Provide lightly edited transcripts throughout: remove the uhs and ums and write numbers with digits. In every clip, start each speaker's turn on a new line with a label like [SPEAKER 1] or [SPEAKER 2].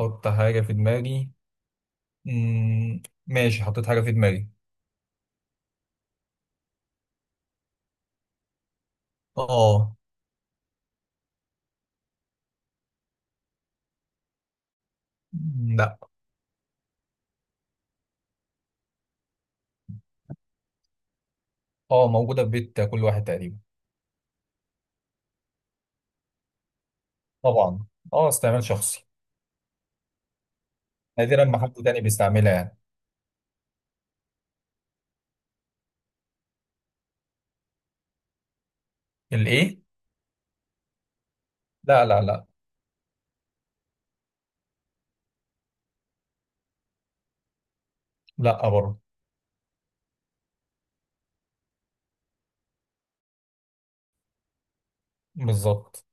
[SPEAKER 1] احط حاجة في دماغي. مم. ماشي، حطيت حاجة في دماغي. اه. مم، لا. اه، موجودة في بيت كل واحد تقريبا. طبعا. اه، استعمال شخصي. نادرا ما حد تاني بيستعملها يعني. الايه. لا لا لا. لا برضه. بالظبط.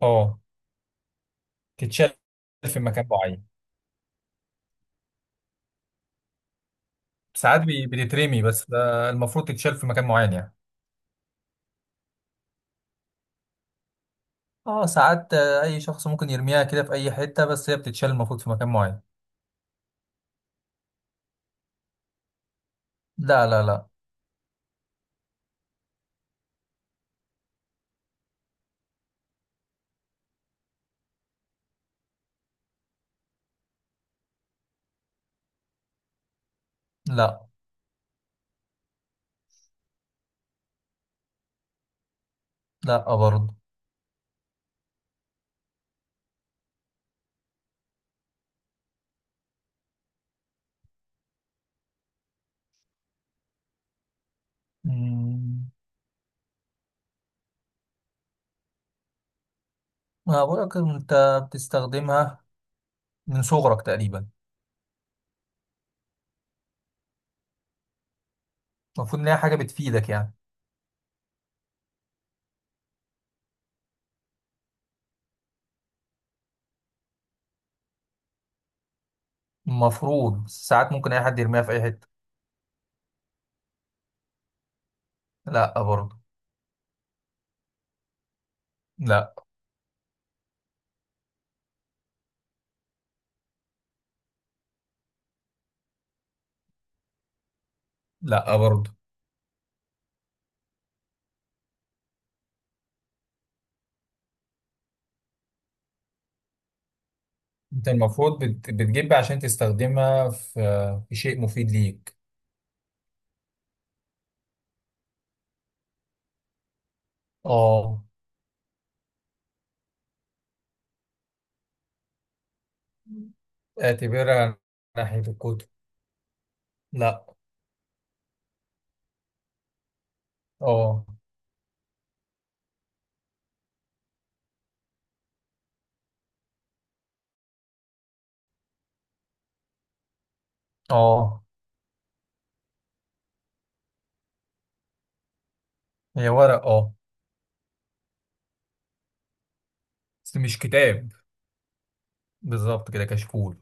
[SPEAKER 1] اه، تتشال في مكان معين. ساعات بتترمي، بس ده المفروض تتشال في مكان معين يعني. اه ساعات، اي شخص ممكن يرميها كده في اي حتة، بس هي بتتشال المفروض في مكان معين. لا لا لا لا. لا برضه. مم. ما بقولك انت بتستخدمها من صغرك تقريبا. المفروض ان هي حاجه بتفيدك يعني. المفروض، بس ساعات ممكن اي حد يرميها في اي حته. لا برضه. لا. لا برضه. انت المفروض بتجيب عشان تستخدمها في شيء مفيد ليك. اه. اعتبرها ناحية الكتب. لا. اه. اه، هي ورق اه. بس مش كتاب. بالظبط كده، كشكول.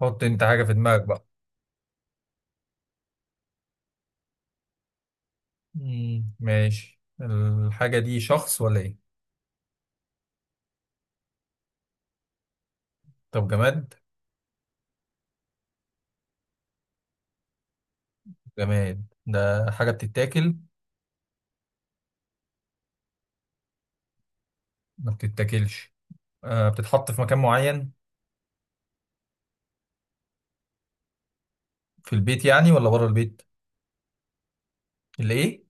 [SPEAKER 1] حط انت حاجة في دماغك بقى. مم. ماشي، الحاجة دي شخص ولا ايه؟ طب جماد. جماد ده حاجة بتتاكل؟ ما بتتاكلش. آه بتتحط في مكان معين. في البيت يعني ولا بره البيت؟ اللي ايه.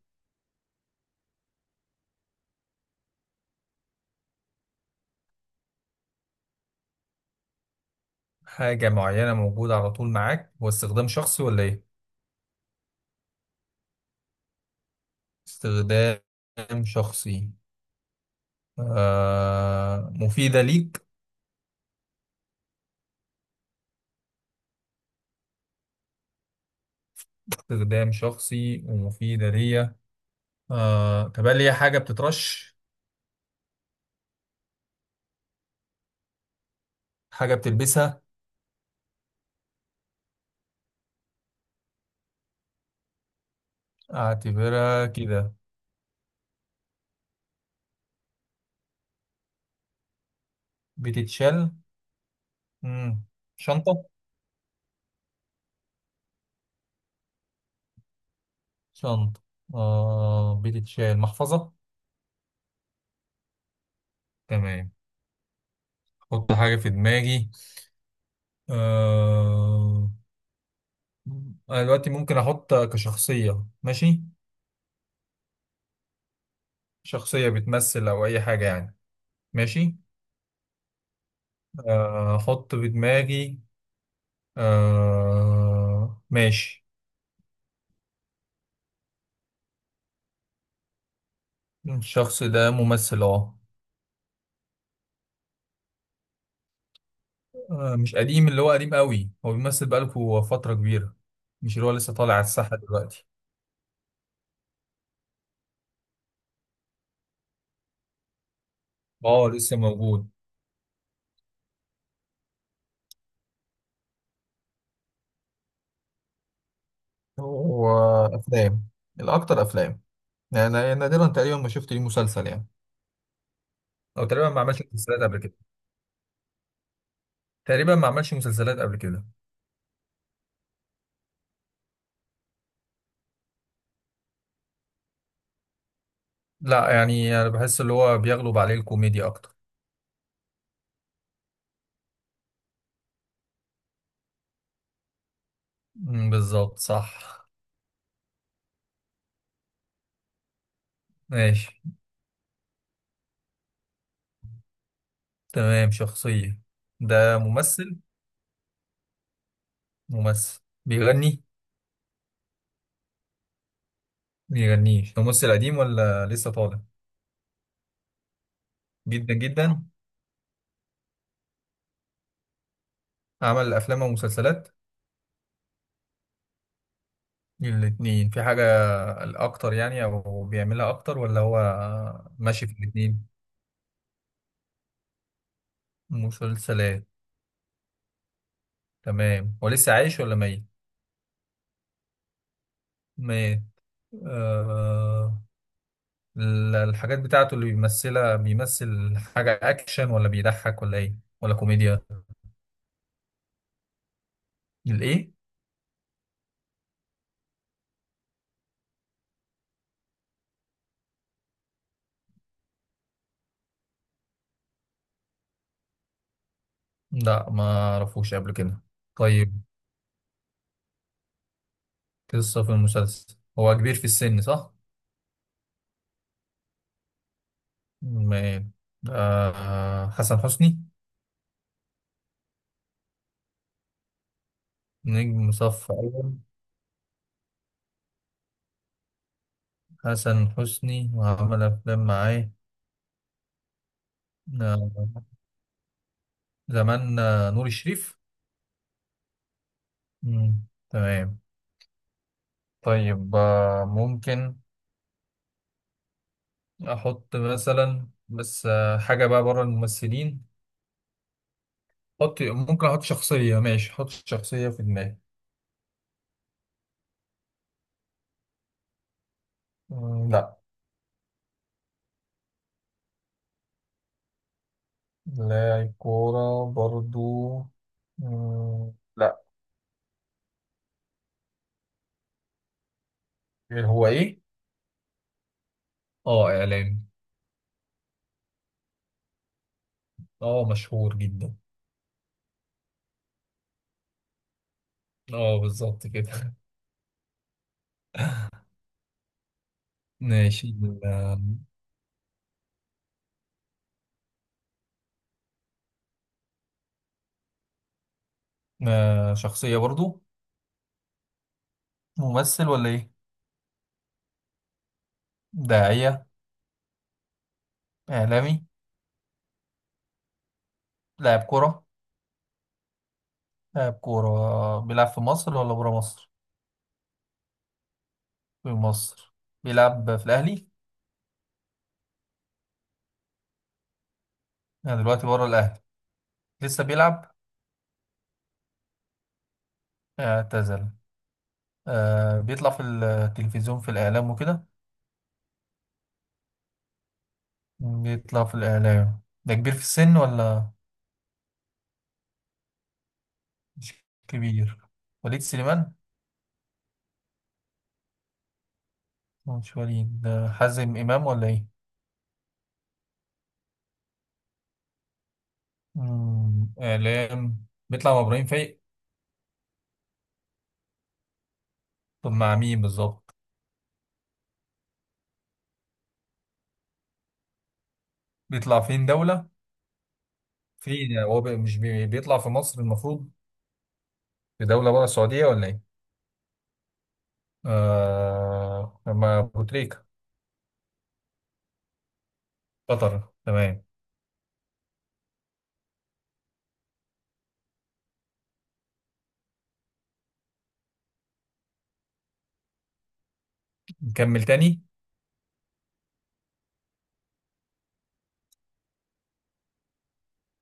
[SPEAKER 1] حاجة معينة موجودة على طول معاك، هو استخدام شخصي ولا ايه؟ استخدام شخصي. آه مفيدة ليك. استخدام شخصي ومفيدة ليا. آه طب هل هي حاجة بتترش؟ حاجة بتلبسها؟ اعتبرها كده. بتتشال. مم. شنطة؟ شنطة. آه بتتشال محفظة. تمام. احط حاجة في دماغي. أه... انا دلوقتي ممكن احط كشخصية ماشي. شخصية بتمثل او اي حاجة يعني. ماشي. آه، احط في دماغي. ماشي. الشخص ده ممثل اه. آه، مش قديم اللي هو قديم قوي، هو بيمثل بقاله فترة كبيرة. مش اللي هو لسه طالع على الساحة دلوقتي. اه لسه موجود. هو افلام. الاكتر افلام. يعني أنا نادرا تقريبا ما شفت ليه مسلسل يعني. او تقريبا ما عملش مسلسلات قبل كده. تقريبا ما عملش مسلسلات قبل كده. لا، يعني انا بحس اللي هو بيغلب عليه الكوميديا اكتر. مم، بالظبط صح. ماشي. تمام شخصية. ده ممثل. ممثل بيغني؟ بيغنيش؟ ده ممثل قديم ولا لسه طالع؟ جدا جدا. عمل افلام ومسلسلات. الاتنين في حاجة الاكتر يعني، او بيعملها اكتر ولا هو؟ ماشي في الاتنين. مسلسلات. تمام، هو لسه عايش ولا ميت؟ ميت. آه الحاجات بتاعته اللي بيمثلها، بيمثل حاجة أكشن ولا بيضحك ولا إيه؟ ولا كوميديا. الإيه؟ لا ما أعرفوش قبل كده. طيب. قصة في المسلسل هو كبير في السن صح؟ مال. آه حسن حسني. نجم صف أول. حسن حسني وعمل أفلام معاه. آه زمان. آه، نور الشريف. مم. تمام. طيب ممكن أحط مثلا بس حاجة بقى بره الممثلين. حط ممكن احط شخصية ماشي. حط شخصية في دماغي. مم، لا. لاعب كورة برضو. مم، لا. هو ايه؟ اه اعلامي. اه مشهور جدا. اه بالظبط كده. ماشي، شخصية برضو. ممثل ولا ايه؟ داعية. اعلامي. لاعب كورة. لاعب كورة بيلعب في مصر ولا برا مصر؟ في مصر. بيلعب في الاهلي؟ يعني دلوقتي برا الاهلي لسه بيلعب؟ اعتزل. آه بيطلع في التلفزيون في الإعلام وكده. بيطلع في الإعلام، ده كبير في السن ولا؟ مش كبير. وليد سليمان. مش وليد، ده حازم إمام ولا إيه؟ مم، إعلام بيطلع مع إبراهيم فايق. طب مع مين بالظبط؟ بيطلع فين دولة. فين يعني، هو بي- مش بي- بيطلع في مصر المفروض. في دولة بره السعودية ولا إيه؟ آه ما أبو تريكة. قطر. تمام. نكمل تاني.